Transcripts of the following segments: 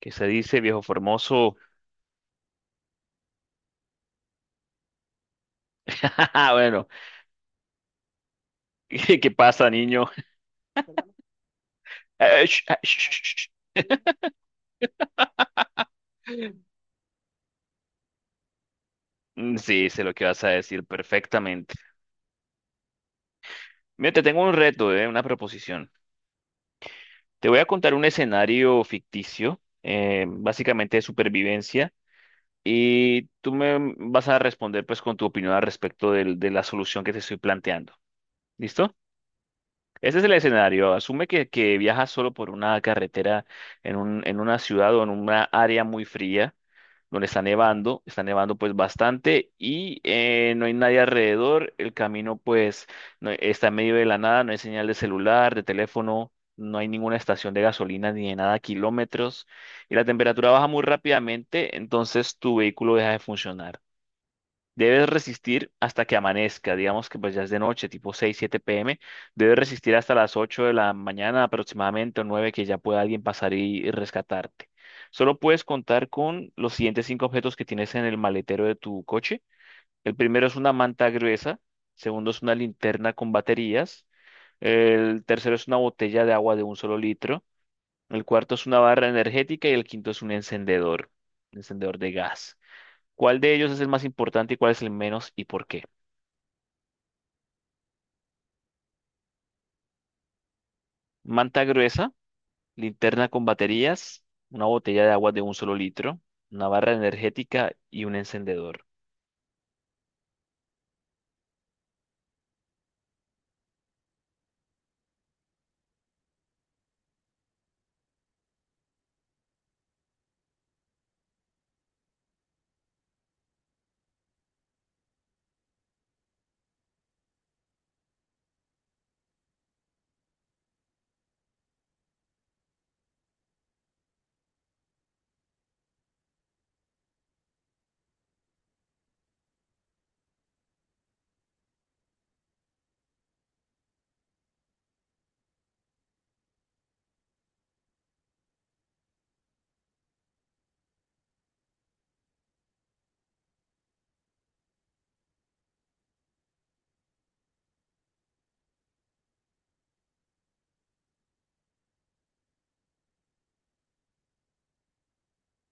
¿Qué se dice, viejo formoso? Bueno, ¿qué pasa, niño? Sh- ah, sh- sh- sh. Sí, sé lo que vas a decir perfectamente. Mira, te tengo un reto, una proposición. Te voy a contar un escenario ficticio, básicamente de supervivencia, y tú me vas a responder pues con tu opinión al respecto de la solución que te estoy planteando. ¿Listo? Ese es el escenario. Asume que viajas solo por una carretera en una ciudad o en una área muy fría, donde está nevando pues bastante y no hay nadie alrededor. El camino pues está en medio de la nada, no hay señal de celular, de teléfono, no hay ninguna estación de gasolina ni de nada, kilómetros, y la temperatura baja muy rápidamente, entonces tu vehículo deja de funcionar. Debes resistir hasta que amanezca. Digamos que pues ya es de noche, tipo 6, 7 pm. Debes resistir hasta las 8 de la mañana aproximadamente, o nueve, que ya pueda alguien pasar y, rescatarte. Solo puedes contar con los siguientes 5 objetos que tienes en el maletero de tu coche. El primero es una manta gruesa, segundo es una linterna con baterías, el tercero es una botella de agua de un solo litro, el cuarto es una barra energética y el quinto es un encendedor de gas. ¿Cuál de ellos es el más importante y cuál es el menos, y por qué? Manta gruesa, linterna con baterías, una botella de agua de un solo litro, una barra energética y un encendedor.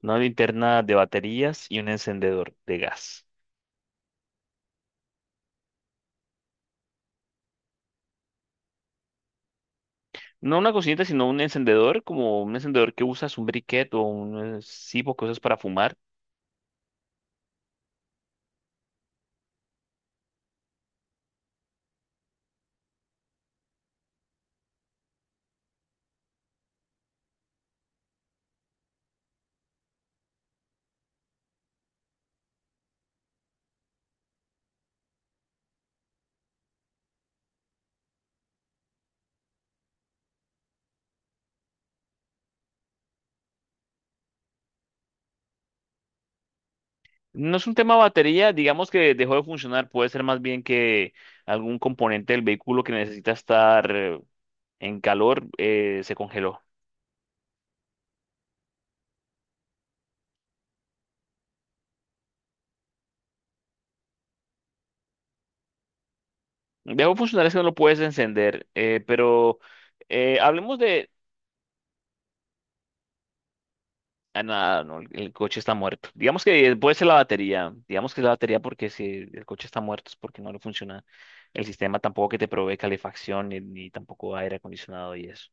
Una linterna de baterías y un encendedor de gas. No una cocineta, sino un encendedor, como un encendedor que usas, un briquet o un cipo que usas para fumar. No es un tema batería, digamos que dejó de funcionar. Puede ser más bien que algún componente del vehículo que necesita estar en calor se congeló. El viejo funcional es que no lo puedes encender, pero hablemos de... Ah, nada, no, el coche está muerto. Digamos que puede ser la batería. Digamos que es la batería porque si el coche está muerto es porque no le funciona el sistema tampoco, que te provee calefacción ni, ni tampoco aire acondicionado y eso.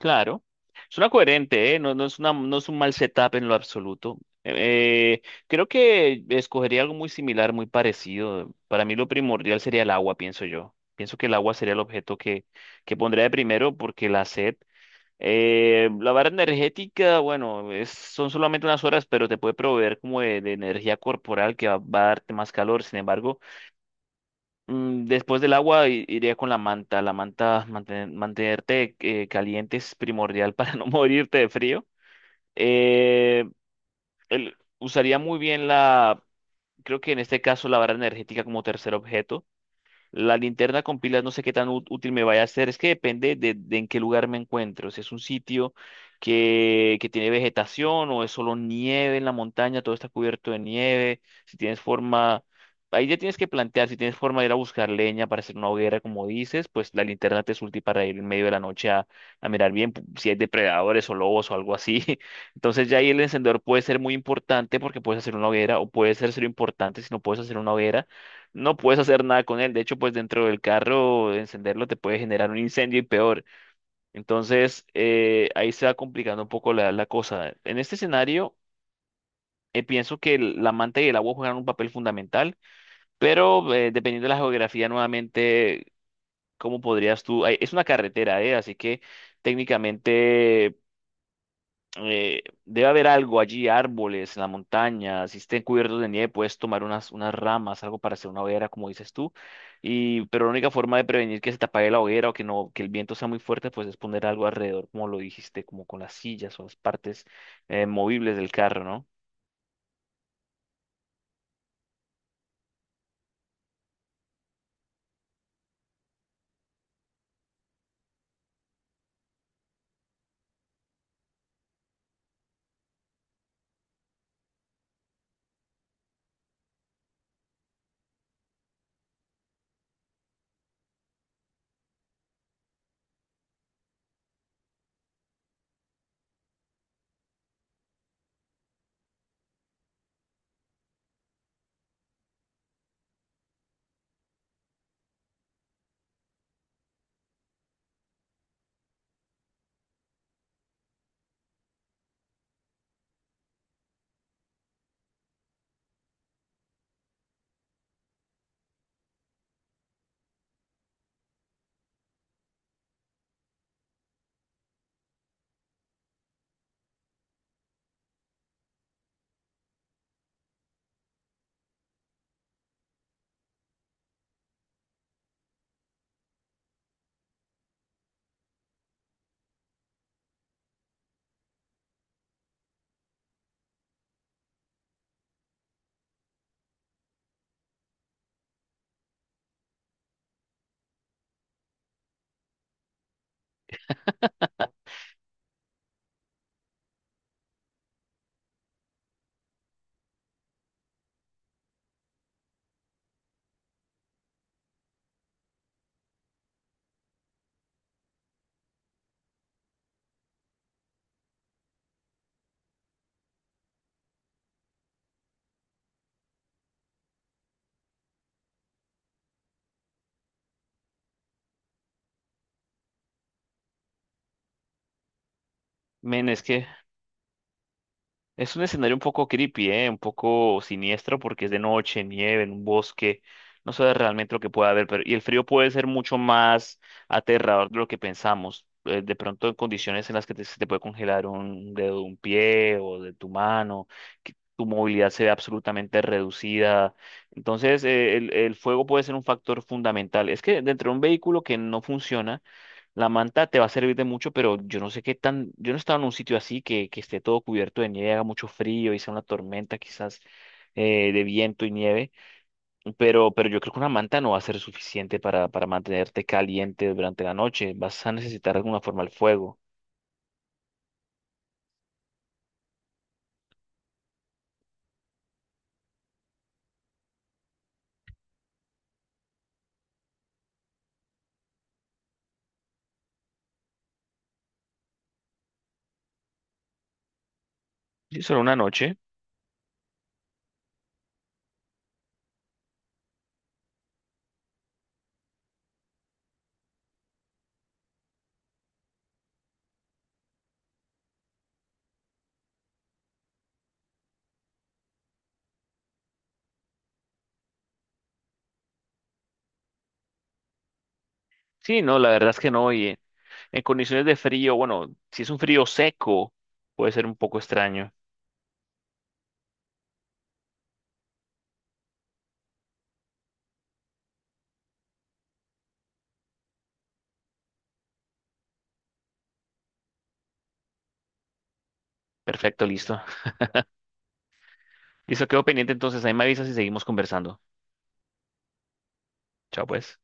Claro, suena coherente, ¿eh? No, no es una, no es un mal setup en lo absoluto. Creo que escogería algo muy similar, muy parecido. Para mí lo primordial sería el agua, pienso yo. Pienso que el agua sería el objeto que pondría de primero porque la sed, la barra energética, bueno, son solamente unas horas, pero te puede proveer como de energía corporal que va, va a darte más calor. Sin embargo, después del agua iría con la manta. La manta, mantenerte caliente es primordial para no morirte de frío. Eh, Usaría muy bien la, creo que en este caso la barra energética como tercer objeto. La linterna con pilas no sé qué tan útil me vaya a ser. Es que depende de en qué lugar me encuentro. Si es un sitio que tiene vegetación o es solo nieve en la montaña, todo está cubierto de nieve. Si tienes forma, ahí ya tienes que plantear, si tienes forma de ir a buscar leña para hacer una hoguera, como dices, pues la linterna te es útil para ir en medio de la noche a mirar bien si hay depredadores o lobos o algo así. Entonces ya ahí el encendedor puede ser muy importante porque puedes hacer una hoguera, o puede ser importante si no puedes hacer una hoguera, no puedes hacer nada con él. De hecho, pues dentro del carro, encenderlo te puede generar un incendio y peor. Entonces, ahí se va complicando un poco la, la cosa. En este escenario, pienso que la manta y el agua juegan un papel fundamental, pero dependiendo de la geografía, nuevamente, ¿cómo podrías tú? Ay, es una carretera, ¿eh? Así que técnicamente debe haber algo allí, árboles en la montaña, si estén cubiertos de nieve, puedes tomar unas, unas ramas, algo para hacer una hoguera, como dices tú, y, pero la única forma de prevenir que se te apague la hoguera o que no, que el viento sea muy fuerte, pues es poner algo alrededor, como lo dijiste, como con las sillas o las partes movibles del carro, ¿no? Men, es que es un escenario un poco creepy, ¿eh? Un poco siniestro porque es de noche, nieve, en un bosque. No sabes realmente lo que puede haber, pero y el frío puede ser mucho más aterrador de lo que pensamos. De pronto en condiciones en las que te, se te puede congelar un dedo de un pie o de tu mano, que tu movilidad se ve absolutamente reducida. Entonces, el fuego puede ser un factor fundamental. Es que dentro de un vehículo que no funciona, la manta te va a servir de mucho, pero yo no sé qué tan, yo no he estado en un sitio así que esté todo cubierto de nieve, haga mucho frío y sea una tormenta quizás de viento y nieve, pero yo creo que una manta no va a ser suficiente para mantenerte caliente durante la noche. Vas a necesitar de alguna forma el fuego. ¿Sí, solo una noche? Sí, no, la verdad es que no, y en condiciones de frío, bueno, si es un frío seco, puede ser un poco extraño. Perfecto, listo. Listo, quedo pendiente entonces, ahí me avisas y seguimos conversando. Chao, pues.